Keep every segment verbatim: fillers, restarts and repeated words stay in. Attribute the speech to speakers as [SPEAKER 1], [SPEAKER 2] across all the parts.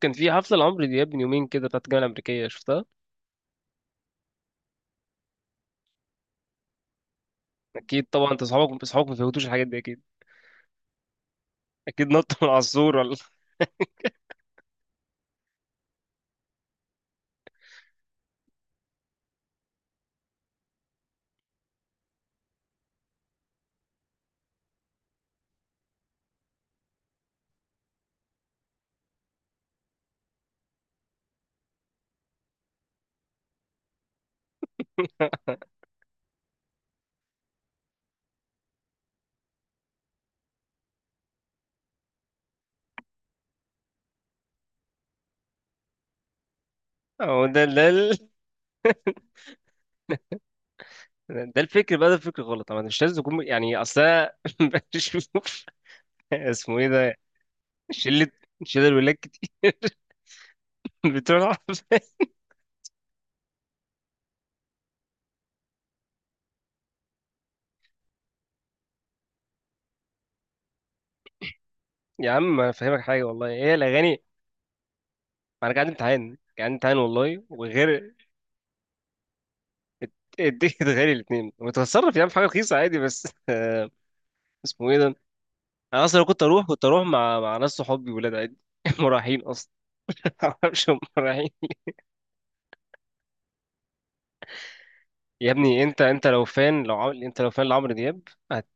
[SPEAKER 1] كان في حفله لعمرو دياب من يومين كده بتاعت الجامعه الامريكيه شفتها. اكيد طبعا، انت اصحابك اصحابك ما فهمتوش الحاجات دي اكيد. اكيد نط من على السور ولا هو ده ده ال- ده الفكر بقى، ده الفكر غلط. انا مش لازم يكون، يعني، اصل أنا بشوف. اسمه ايه ده؟ شله شله الولاد كتير بتوع الحفلات. يا عم انا فاهمك حاجه والله، هي الاغاني. ما انا كان عندي امتحان، كان عندي امتحان والله، وغير، التيكت غالي الاثنين. وتتصرف يا عم في حاجه رخيصه عادي، بس آه، اسمه ايه ده؟ انا اصلا لو كنت اروح كنت اروح مع مع ناس صحابي ولاد عادي مراهقين اصلا معرفش هم مراهقين. يا ابني انت انت لو فان لو عمل انت لو فان لعمرو دياب هت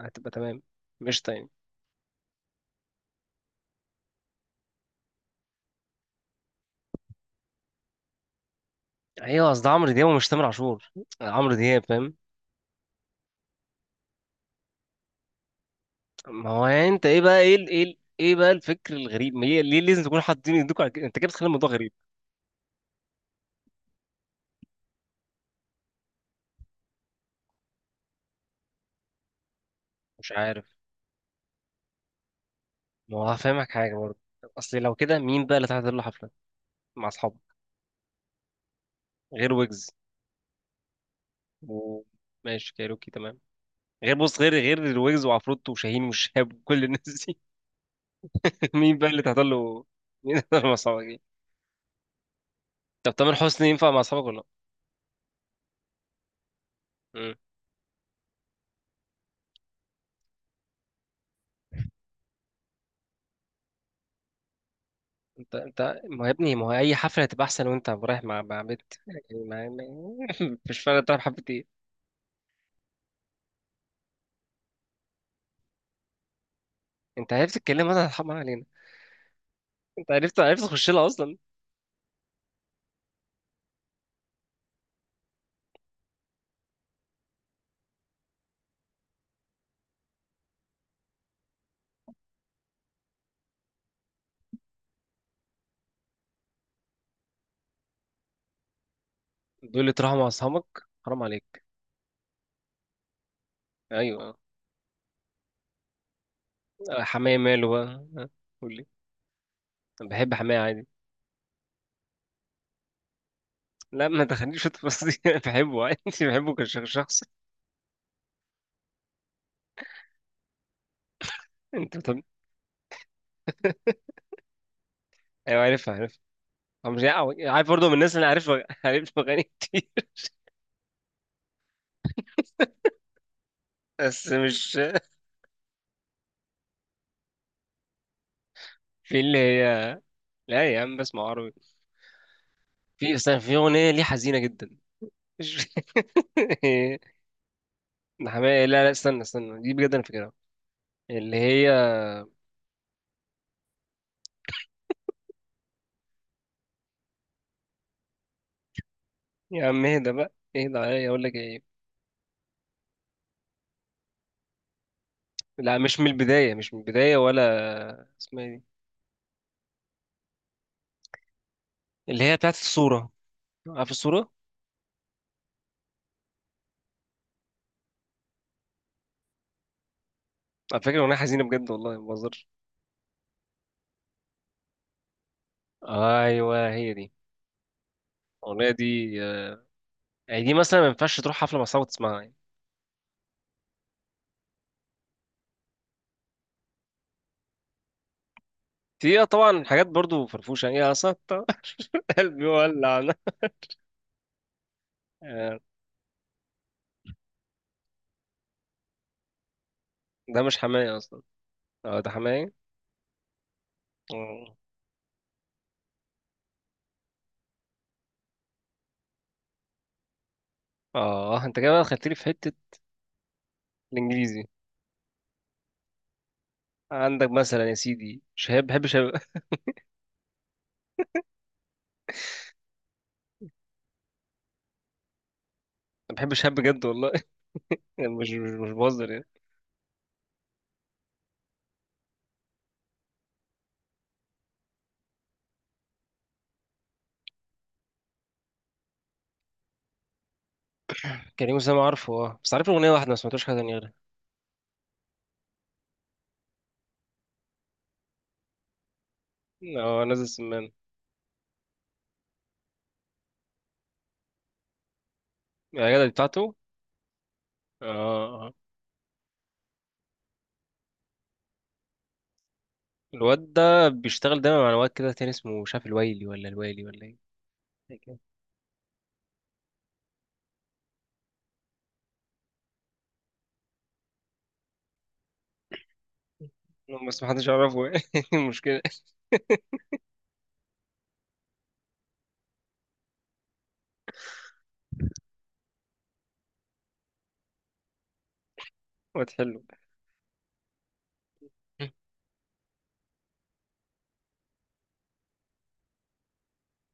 [SPEAKER 1] هتبقى تمام، مش تاني. ايوه قصد عمرو دياب ومش تامر عاشور. عمرو دياب فاهم. ما هو يعني انت ايه بقى، ايه ال- ايه ال- ايه بقى الفكر الغريب؟ ما هي ليه لازم تكون حاطين ايديك على كده؟ انت كده بتخلي الموضوع غريب. مش عارف. ما هو هفهمك حاجه برضه. اصل لو كده، مين بقى اللي هتحضر له حفله مع اصحابك؟ غير ويجز. وماشي كايروكي تمام. غير بص، غير غير الويجز وعفروتو وشاهين والشهاب وكل الناس دي مين بقى اللي تحصل له؟ مين اللي تحصل مع اصحابك دي؟ طب تامر حسني ينفع مع اصحابك ولا لا؟ مم. انت انت. ما هو يا ابني، ما هو اي حفله هتبقى احسن وانت رايح مع مع بنت، يعني ما... ما... مش فارقه تروح حفله ايه. انت عرفت الكلام انا هرحم علينا. انت عرفت عرفت تخش لها اصلا. بيقول لي تروح مع اصحابك؟ حرام عليك. ايوه. آه، حماية ماله بقى، ها، قول لي. انا بحب حماية عادي. لا ما تخليش في التفاصيل انا بحبه عادي، بحبه كشخص. انت بتقول- ايوه، عارفها عارفها. أو مش يعني عارف برضه، من الناس اللي عارف عارف اغاني كتير. بس مش، في اللي هي، لا يا عم بسمع عربي. في، استنى، في اغنيه ليه حزينه جدا، مش ده حماية، لا لا، استنى استنى دي بجد انا فاكرها، اللي هي. يا عم اهدى بقى، اهدى عليا اقول لك ايه. لا، مش من البدايه، مش من البدايه، ولا اسمها إيه دي؟ اللي هي بتاعت الصوره. عارف الصوره؟ على فكره اغنيه حزينه بجد والله ما بهزرش. ايوه هي دي. الاغنيه دي آه، يعني دي مثلا ما ينفعش تروح حفله مع صحابك تسمعها. في اه طبعا حاجات برضو فرفوشة، يعني إيه أصلا قلبي ولع أنا. آه، ده مش حماية أصلا. أه ده حماية. آه آه، أنت كده بقى دخلتلي في حتة الإنجليزي. عندك مثلا يا سيدي شهاب، بحب شهاب أنا بحب شهاب بجد والله يعني مش مش مش بهزر يعني. كريم أسامة عارفه. أه بس عارف له أغنية واحدة، ما سمعتوش حاجة تانية غيرها. أه نازل سمان. يا جدع دي بتاعته. أه، آه، آه. الواد ده بيشتغل دايما مع واد كده تاني اسمه مش عارف، الويلي ولا الويلي ولا إيه. بس محدش يعرفه المشكلة. ما تحله.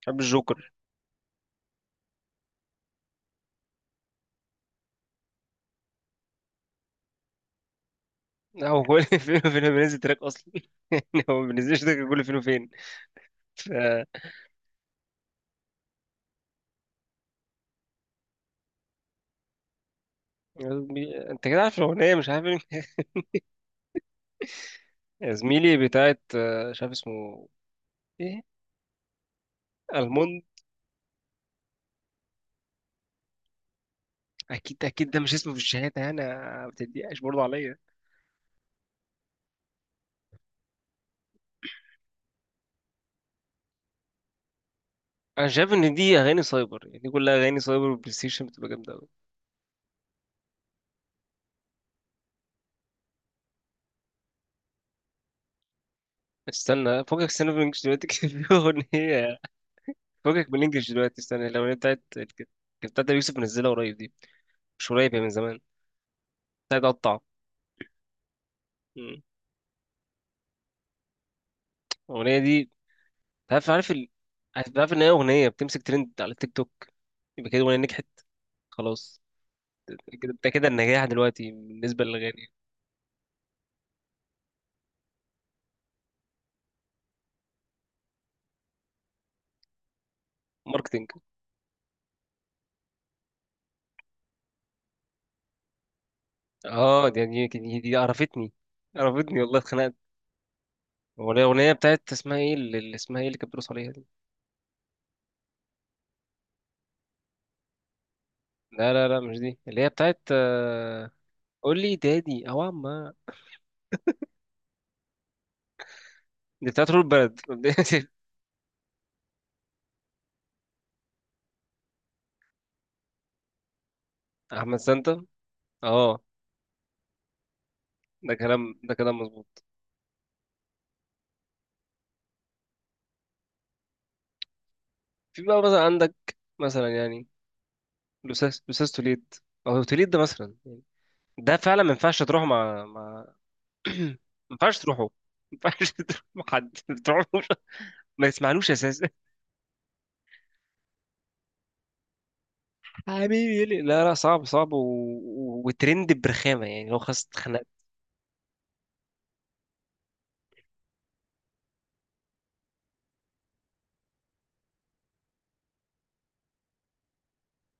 [SPEAKER 1] بحب الجوكر. هو كل فين وفين بينزل تراك اصلا يعني هو ما بينزلش تراك كل فين وفين. ف، بي- انت كده عارف الاغنيه، مش عارف إيه؟ يا زميلي بتاعت آه، مش عارف اسمه ايه. الموند. اكيد اكيد ده مش اسمه في الشهاده، انا ما بتضايقش برضه عليا. انا شايف ان دي اغاني سايبر، يعني دي كلها اغاني سايبر، والبلاي ستيشن بتبقى جامده قوي. استنى فوقك، استنى بالانجلش دلوقتي كان في اغنيه. فوقك بالانجلش دلوقتي، استنى، الاغنيه بتاعت، كانت بتاعت أبي يوسف، منزلها قريب دي. مش قريب، هي من زمان. بتاعت قطع. مم. الأغنية دي، عارف عارف ال... عارف عارف ان هي اغنيه بتمسك ترند على التيك توك، يبقى كده الاغنيه نجحت خلاص. كده، ده كده النجاح دلوقتي بالنسبه للاغاني. ماركتينج. اه دي دي, دي, دي عرفتني. عرفتني والله، اتخنقت. هو الاغنيه بتاعت، اسمها ايه اللي اللي اسمها ايه اللي كانت بترقص عليها دي؟ لا لا لا مش دي، اللي هي بتاعت آه، قول لي دادي او عما. دي بتاعت رول بلد احمد سانتا. اه، ده كلام ده كلام مظبوط. في بقى مثلا عندك، مثلا يعني، لوساس لوساس توليد، او توليد ده مثلا يعني. ده فعلا ما ينفعش تروحه مع مع ما ينفعش تروحه. ما ينفعش تروح مع حد. تروحوش ما تسمعلوش اساسا. حبيبي يلي، لا لا، صعب صعب و... و- وترند برخامه، يعني هو خلاص اتخنقت.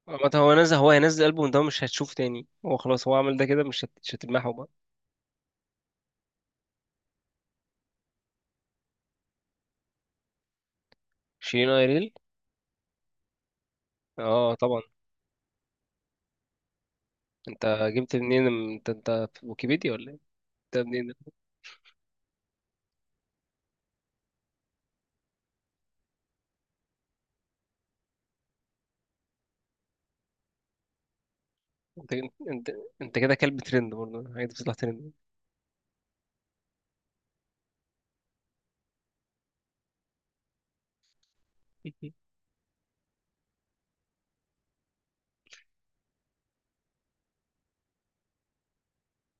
[SPEAKER 1] ما هو نزل، هو هينزل البوم ده مش هتشوف تاني، هو خلاص هو عمل ده كده، مش هت... مش هتلمحه بقى. شيرين ايريل. اه طبعا. انت جبت منين، انت انت في ويكيبيديا ولا ايه؟ انت منين؟ انت انت انت كده كلب ترند برضه، حاجه بتطلع ترند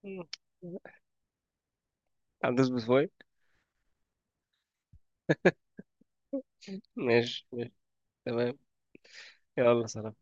[SPEAKER 1] هتدوس بفوي. ماشي ماشي. تمام. يلا سلام.